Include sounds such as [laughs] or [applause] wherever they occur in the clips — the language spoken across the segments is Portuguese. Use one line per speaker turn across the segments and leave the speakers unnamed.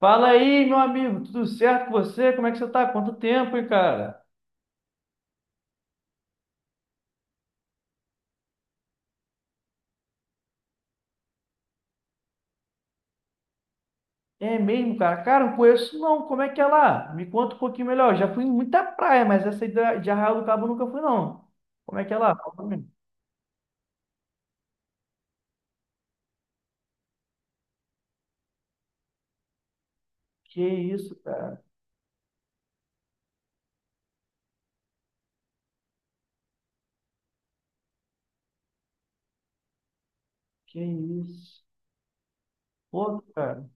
Fala aí, meu amigo, tudo certo com você? Como é que você tá? Quanto tempo, hein, cara? É mesmo, cara? Cara, não conheço não. Como é que é lá? Me conta um pouquinho melhor. Já fui em muita praia, mas essa aí de Arraial do Cabo eu nunca fui, não. Como é que é lá? Fala pra mim. Que isso, cara? Que isso? Pô, cara.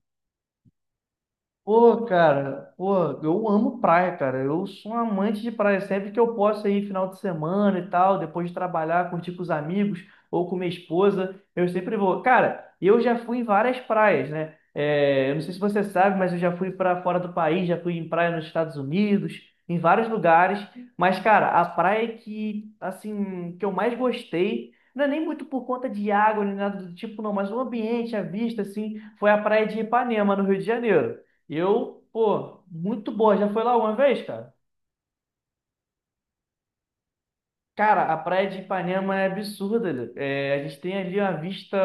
Pô, cara, pô, eu amo praia, cara. Eu sou um amante de praia. Sempre que eu posso aí, final de semana e tal, depois de trabalhar, curtir com os amigos ou com minha esposa, eu sempre vou. Cara, eu já fui em várias praias, né? É, eu não sei se você sabe, mas eu já fui para fora do país, já fui em praia nos Estados Unidos, em vários lugares. Mas, cara, a praia que, assim, que eu mais gostei, não é nem muito por conta de água nem nada do tipo, não, mas o ambiente, a vista, assim, foi a praia de Ipanema, no Rio de Janeiro. Eu, pô, muito boa. Já foi lá uma vez, cara? Cara, a praia de Ipanema é absurda. É, a gente tem ali uma vista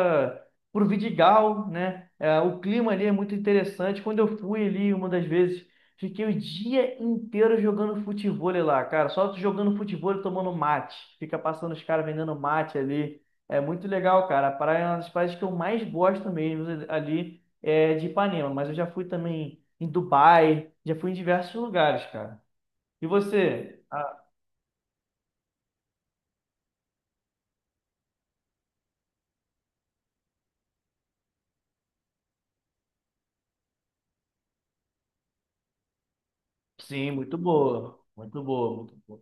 pro Vidigal, né? É, o clima ali é muito interessante. Quando eu fui ali uma das vezes, fiquei o dia inteiro jogando futevôlei lá, cara. Só jogando futevôlei, tomando mate. Fica passando os caras vendendo mate ali. É muito legal, cara. A praia é uma das praias que eu mais gosto mesmo ali é de Ipanema. Mas eu já fui também em Dubai, já fui em diversos lugares, cara. E você? Ah, sim, muito boa. Muito boa, muito boa.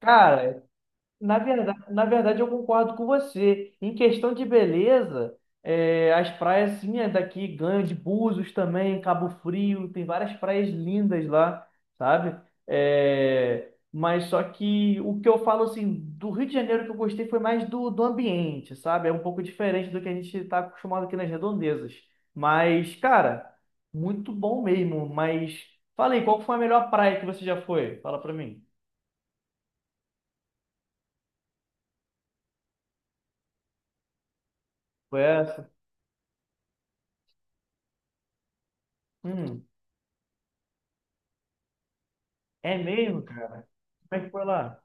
Cara, na verdade, eu concordo com você. Em questão de beleza, é, as praias, sim, é daqui ganham de Búzios também, Cabo Frio, tem várias praias lindas lá, sabe? É, mas só que o que eu falo, assim, do Rio de Janeiro que eu gostei foi mais do ambiente, sabe? É um pouco diferente do que a gente está acostumado aqui nas redondezas. Mas, cara, muito bom mesmo. Mas, fala aí, qual que foi a melhor praia que você já foi? Fala pra mim. Foi essa? Hum, é mesmo? Como é que foi lá?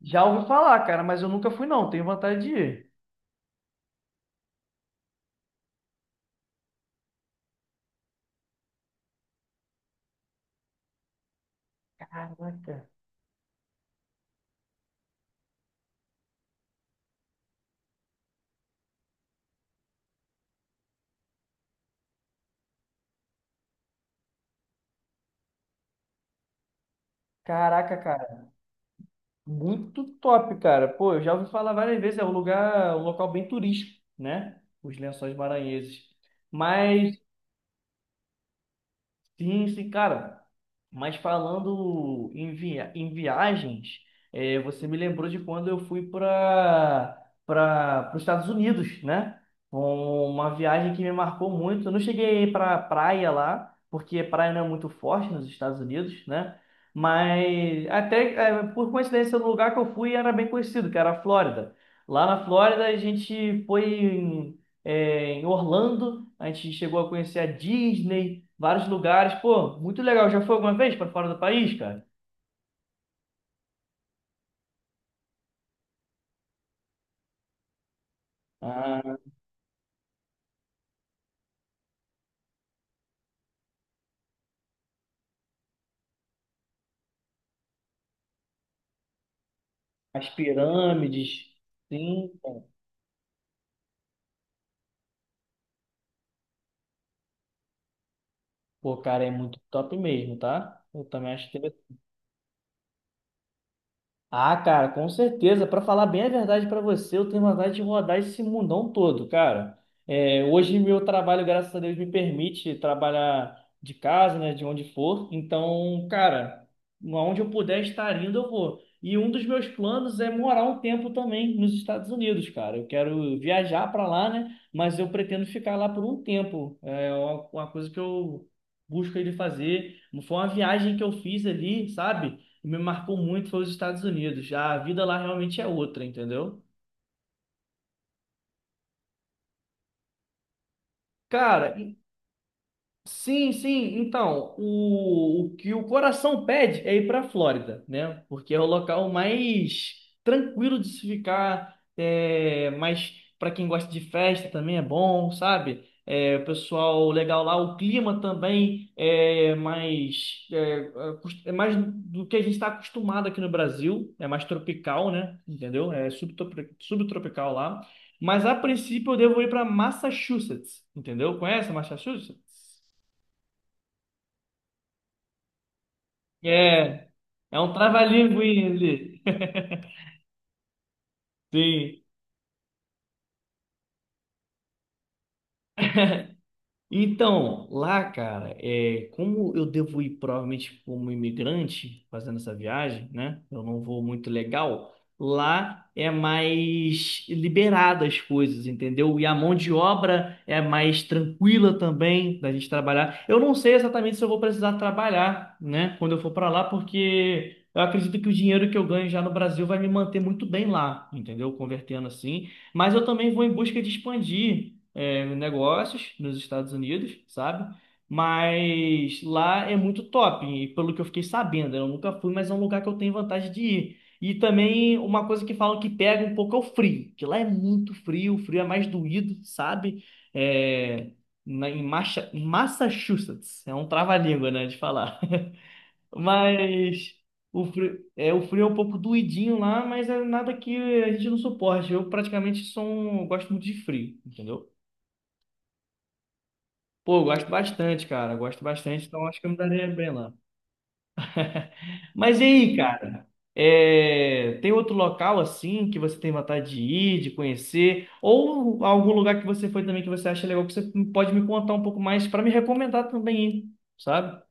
Já ouvi falar, cara, mas eu nunca fui não, tenho vontade de ir. Caraca. Caraca, cara, muito top, cara. Pô, eu já ouvi falar várias vezes, é um lugar, um local bem turístico, né? Os Lençóis Maranhenses. Mas sim, sim, cara. Mas falando em, viagens, você me lembrou de quando eu fui para os Estados Unidos, né? Uma viagem que me marcou muito. Eu não cheguei para praia lá, porque praia não é muito forte nos Estados Unidos, né? Mas até por coincidência, o lugar que eu fui era bem conhecido, que era a Flórida. Lá na Flórida, a gente foi em Orlando. A gente chegou a conhecer a Disney, vários lugares. Pô, muito legal. Já foi alguma vez para fora do país, cara? Ah, as pirâmides, sim. Pô, cara, é muito top mesmo, tá? Eu também acho que ah, cara, com certeza. Pra falar bem a verdade pra você, eu tenho vontade de rodar esse mundão todo, cara. É, hoje meu trabalho, graças a Deus, me permite trabalhar de casa, né, de onde for. Então, cara, aonde eu puder estar indo, eu vou. E um dos meus planos é morar um tempo também nos Estados Unidos, cara. Eu quero viajar pra lá, né? Mas eu pretendo ficar lá por um tempo. É uma coisa que eu busco ele fazer. Foi uma viagem que eu fiz ali, sabe? O que me marcou muito foi os Estados Unidos. Já a vida lá realmente é outra, entendeu? Cara, sim, sim. Então, o que o coração pede é ir para a Flórida, né? Porque é o local mais tranquilo de se ficar, é, mas para quem gosta de festa também é bom, sabe? É, o pessoal legal lá, o clima também é mais, é, é mais do que a gente está acostumado aqui no Brasil, é mais tropical, né? Entendeu? É subtropical lá. Mas a princípio eu devo ir para Massachusetts, entendeu? Conhece Massachusetts? É, é um trava-língua ali. [laughs] Sim. Então, lá, cara, é, como eu devo ir provavelmente como imigrante fazendo essa viagem, né? Eu não vou muito legal. Lá é mais liberada as coisas, entendeu? E a mão de obra é mais tranquila também da gente trabalhar. Eu não sei exatamente se eu vou precisar trabalhar, né? Quando eu for para lá, porque eu acredito que o dinheiro que eu ganho já no Brasil vai me manter muito bem lá, entendeu? Convertendo assim. Mas eu também vou em busca de expandir negócios nos Estados Unidos, sabe? Mas lá é muito top, e pelo que eu fiquei sabendo, eu nunca fui, mas é um lugar que eu tenho vontade de ir. E também uma coisa que falam que pega um pouco é o frio, que lá é muito frio, o frio é mais doído, sabe? É, na, em Massachusetts, é um trava-língua, né, de falar. [laughs] Mas o frio é um pouco doidinho lá, mas é nada que a gente não suporte. Eu praticamente sou um, gosto muito de frio, entendeu? Pô, eu gosto bastante, cara. Gosto bastante, então acho que eu me daria bem lá. Mas e aí, cara? É, tem outro local assim que você tem vontade de ir, de conhecer? Ou algum lugar que você foi também que você acha legal que você pode me contar um pouco mais para me recomendar também ir, sabe?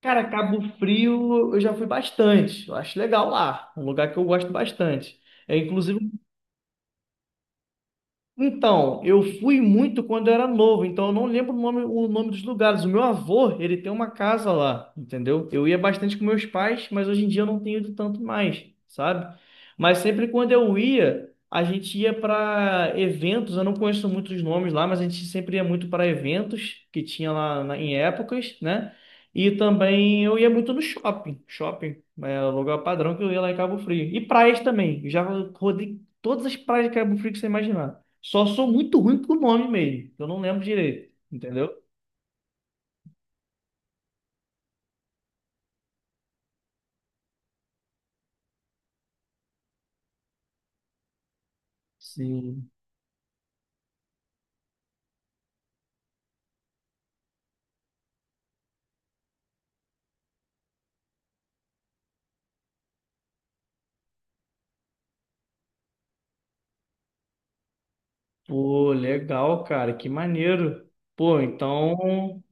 Cara, Cabo Frio eu já fui bastante. Eu acho legal lá. Um lugar que eu gosto bastante. É inclusive então, eu fui muito quando eu era novo, então eu não lembro o nome dos lugares. O meu avô, ele tem uma casa lá, entendeu? Eu ia bastante com meus pais, mas hoje em dia eu não tenho ido tanto mais, sabe? Mas sempre quando eu ia, a gente ia para eventos. Eu não conheço muitos nomes lá, mas a gente sempre ia muito para eventos que tinha lá em épocas, né? E também eu ia muito no shopping, shopping, é o lugar padrão que eu ia lá em Cabo Frio. E praias também, eu já rodei todas as praias de Cabo Frio que você imaginar. Só sou muito ruim com o nome mesmo. Que Eu não lembro direito, entendeu? Sim. Pô, legal, cara. Que maneiro. Pô, então.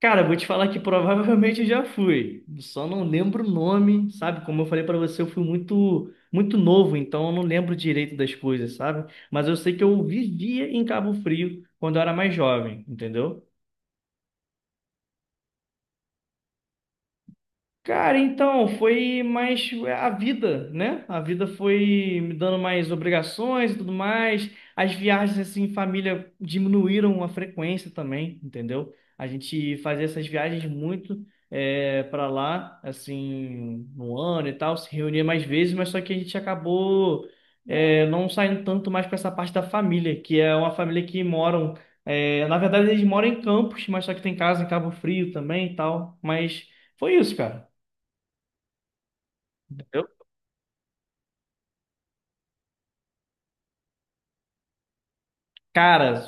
Cara, vou te falar que provavelmente eu já fui. Só não lembro o nome, sabe? Como eu falei pra você, eu fui muito, muito novo, então eu não lembro direito das coisas, sabe? Mas eu sei que eu vivia em Cabo Frio quando eu era mais jovem, entendeu? Cara, então, foi mais a vida, né? A vida foi me dando mais obrigações e tudo mais. As viagens, assim, em família diminuíram a frequência também, entendeu? A gente fazia essas viagens muito para lá, assim, no ano e tal, se reunia mais vezes, mas só que a gente acabou não saindo tanto mais para essa parte da família, que é uma família que moram. Na verdade, eles moram em Campos, mas só que tem casa em Cabo Frio também e tal. Mas foi isso, cara. Eu, cara,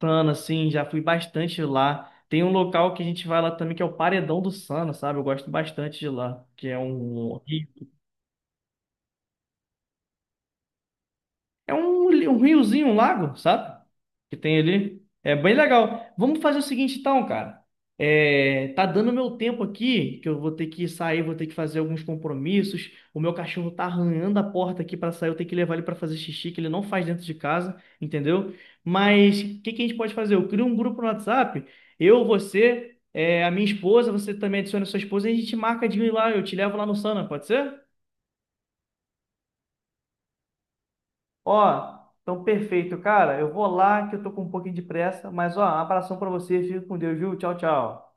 Sana, assim, já fui bastante lá. Tem um local que a gente vai lá também, que é o Paredão do Sana, sabe? Eu gosto bastante de lá, que é um é um, um riozinho, um lago, sabe? Que tem ali. É bem legal. Vamos fazer o seguinte, então, cara. É, tá dando meu tempo aqui, que eu vou ter que sair, vou ter que fazer alguns compromissos. O meu cachorro tá arranhando a porta aqui pra sair, eu tenho que levar ele pra fazer xixi, que ele não faz dentro de casa, entendeu? Mas o que que a gente pode fazer? Eu crio um grupo no WhatsApp, eu, você, é, a minha esposa, você também adiciona a sua esposa e a gente marca de ir lá, eu te levo lá no Sana, pode ser? Ó, então perfeito, cara. Eu vou lá que eu tô com um pouquinho de pressa, mas ó, um abração pra você, fica com Deus, viu? Tchau, tchau.